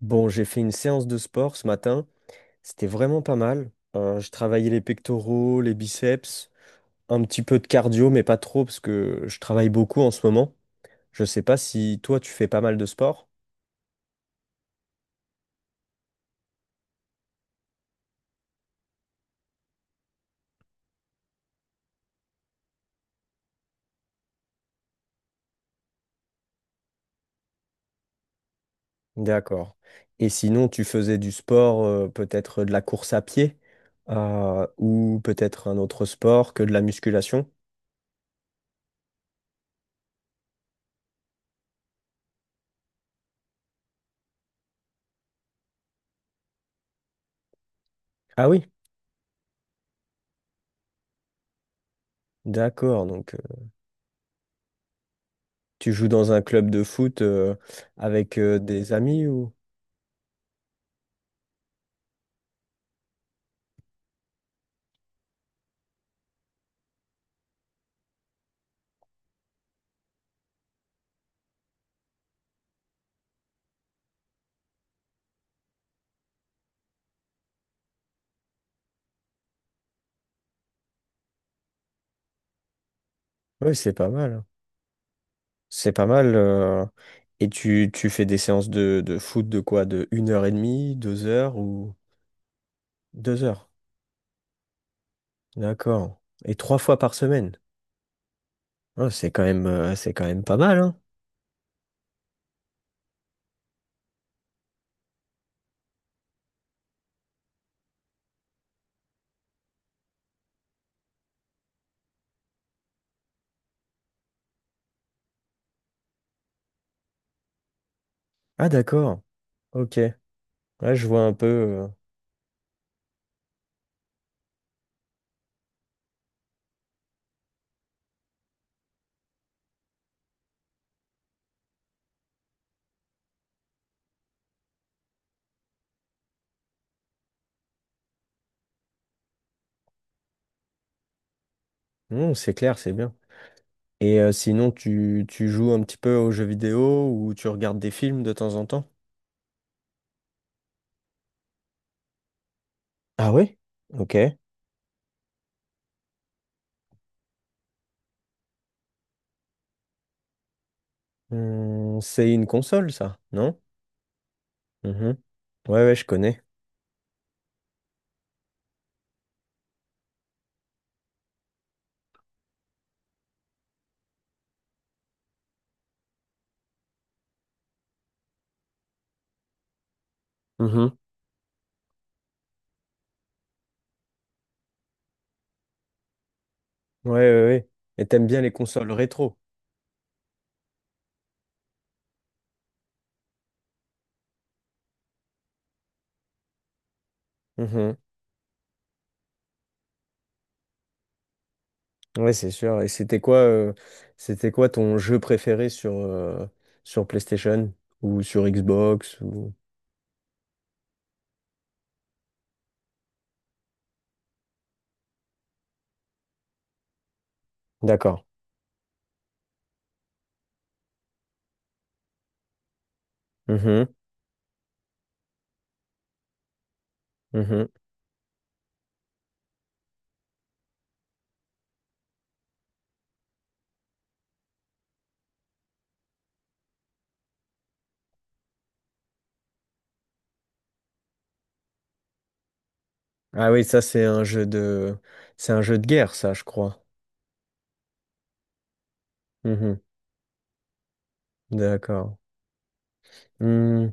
Bon, j'ai fait une séance de sport ce matin. C'était vraiment pas mal. Je travaillais les pectoraux, les biceps, un petit peu de cardio, mais pas trop parce que je travaille beaucoup en ce moment. Je sais pas si toi tu fais pas mal de sport. D'accord. Et sinon, tu faisais du sport, peut-être de la course à pied, ou peut-être un autre sport que de la musculation. Ah oui, d'accord. Donc, tu joues dans un club de foot, avec, des amis ou... Oui, c'est pas mal, hein. C'est pas mal. Et tu fais des séances de foot de quoi? De une heure et demie, deux heures ou deux heures. D'accord. Et trois fois par semaine. Ah, c'est quand même pas mal, hein. Ah, d'accord. Ok. Là, je vois un peu. Hmm, c'est clair, c'est bien. Et sinon, tu joues un petit peu aux jeux vidéo ou tu regardes des films de temps en temps? Ah oui? Ok. Hmm, c'est une console, ça, non? Mhm. Ouais, ouais, je connais. Mhm. Ouais, ouais, ouais. Et t'aimes bien les consoles rétro? Mhm. Ouais, c'est sûr. Et c'était quoi ton jeu préféré sur, sur PlayStation ou sur Xbox ou... D'accord. Mhm. Mhm. Ah oui, ça c'est un jeu de, c'est un jeu de guerre, ça, je crois. Mhm. D'accord. Hmm.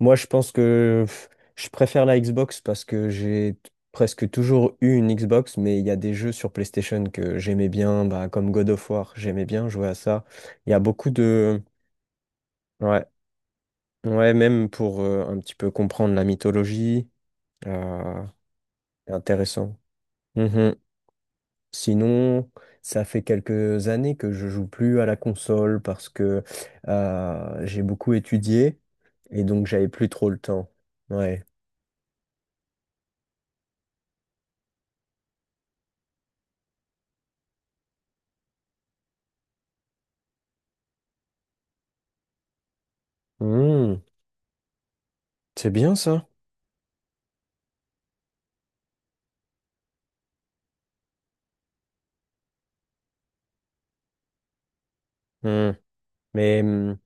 Moi, je pense que pff, je préfère la Xbox parce que presque toujours eu une Xbox, mais il y a des jeux sur PlayStation que j'aimais bien, bah, comme God of War, j'aimais bien jouer à ça. Il y a beaucoup de, ouais. Ouais, même pour un petit peu comprendre la mythologie, euh, c'est intéressant. Mhm. Sinon, ça fait quelques années que je joue plus à la console parce que j'ai beaucoup étudié et donc j'avais plus trop le temps. Ouais. Hmm, c'est bien ça. Hmm. Mais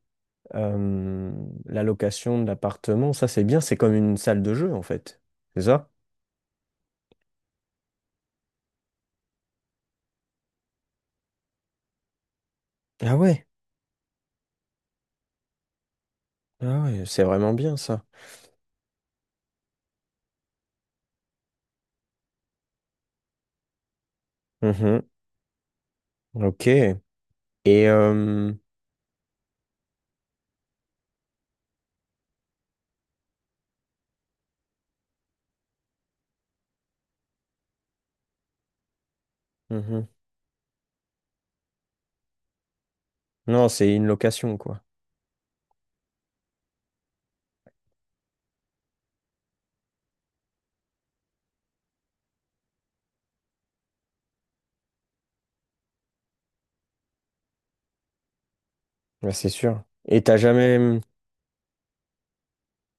euh, la location de l'appartement, ça c'est bien, c'est comme une salle de jeu en fait. C'est ça? Ah ouais, ah ouais, c'est vraiment bien ça. Mhm. Ok. Et Mhm. Non, c'est une location, quoi. Ouais, c'est sûr.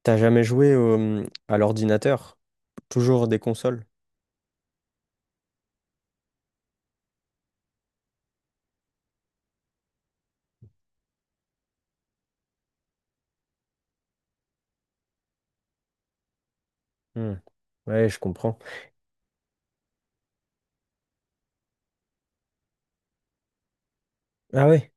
T'as jamais joué à l'ordinateur? Toujours des consoles? Hmm. Ouais, je comprends. Ah ouais.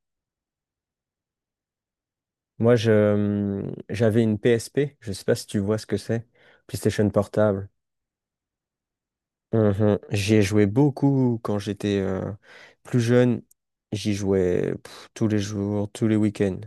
Moi, je, j'avais une PSP. Je sais pas si tu vois ce que c'est. PlayStation Portable. Mhm. J'y ai joué beaucoup quand j'étais plus jeune. J'y jouais pff, tous les jours, tous les week-ends.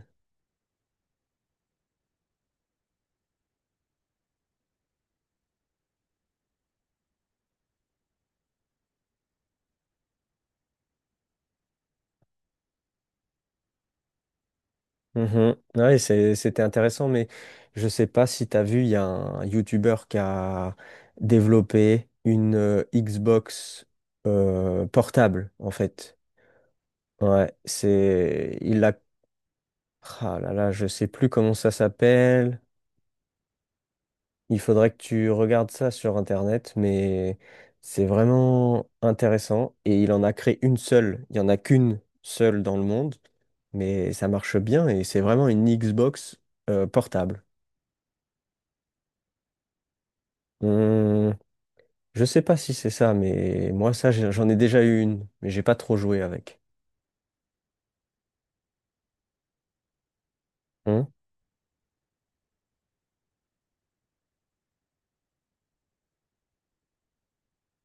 Mhm. Ouais, c'était intéressant, mais je sais pas si tu as vu, il y a un YouTuber qui a développé une Xbox portable, en fait. Ouais, c'est. Il a. Ah là là, je sais plus comment ça s'appelle. Il faudrait que tu regardes ça sur Internet, mais c'est vraiment intéressant. Et il en a créé une seule. Il y en a qu'une seule dans le monde, mais ça marche bien et c'est vraiment une Xbox portable. Hum, je sais pas si c'est ça, mais moi, ça, j'en ai déjà eu une, mais j'ai pas trop joué avec. Hum,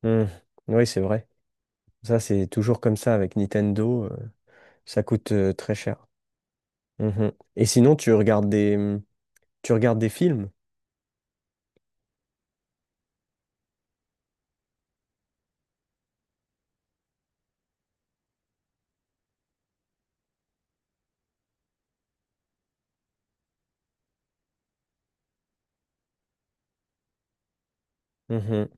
hum, Oui, c'est vrai. Ça, c'est toujours comme ça avec Nintendo. Ça coûte très cher. Mhm. Et sinon, tu regardes des films? Mhm.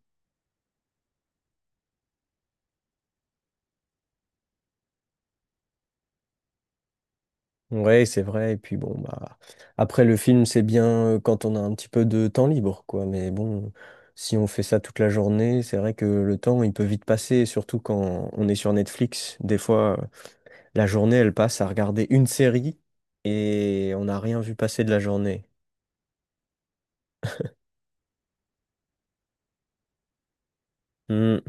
Ouais, c'est vrai. Et puis bon, bah après le film, c'est bien quand on a un petit peu de temps libre, quoi. Mais bon, si on fait ça toute la journée, c'est vrai que le temps, il peut vite passer, surtout quand on est sur Netflix. Des fois, la journée, elle passe à regarder une série et on n'a rien vu passer de la journée. Hmm.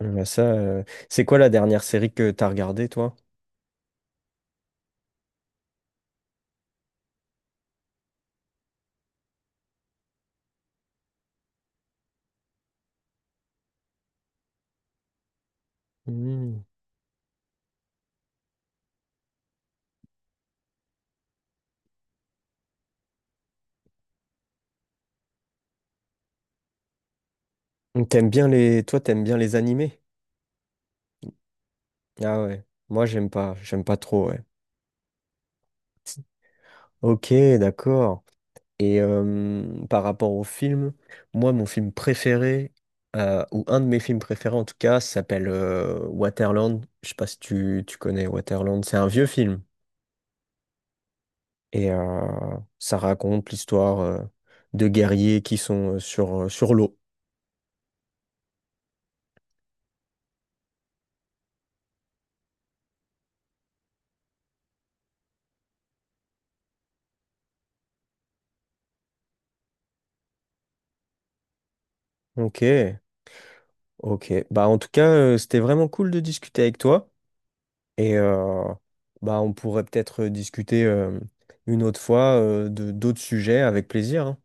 Bah, ça, c'est quoi la dernière série que t'as regardée, toi? Hmm. Toi, t'aimes bien les animés? Ah ouais. Moi, j'aime pas trop, ouais. Ok, d'accord. Et par rapport au film, moi, mon film préféré, ou un de mes films préférés en tout cas, s'appelle Waterland. Je sais pas si tu connais Waterland. C'est un vieux film. Et ça raconte l'histoire de guerriers qui sont sur l'eau. Ok, ok. Bah, en tout cas, c'était vraiment cool de discuter avec toi. Et bah, on pourrait peut-être discuter une autre fois de d'autres sujets avec plaisir, hein.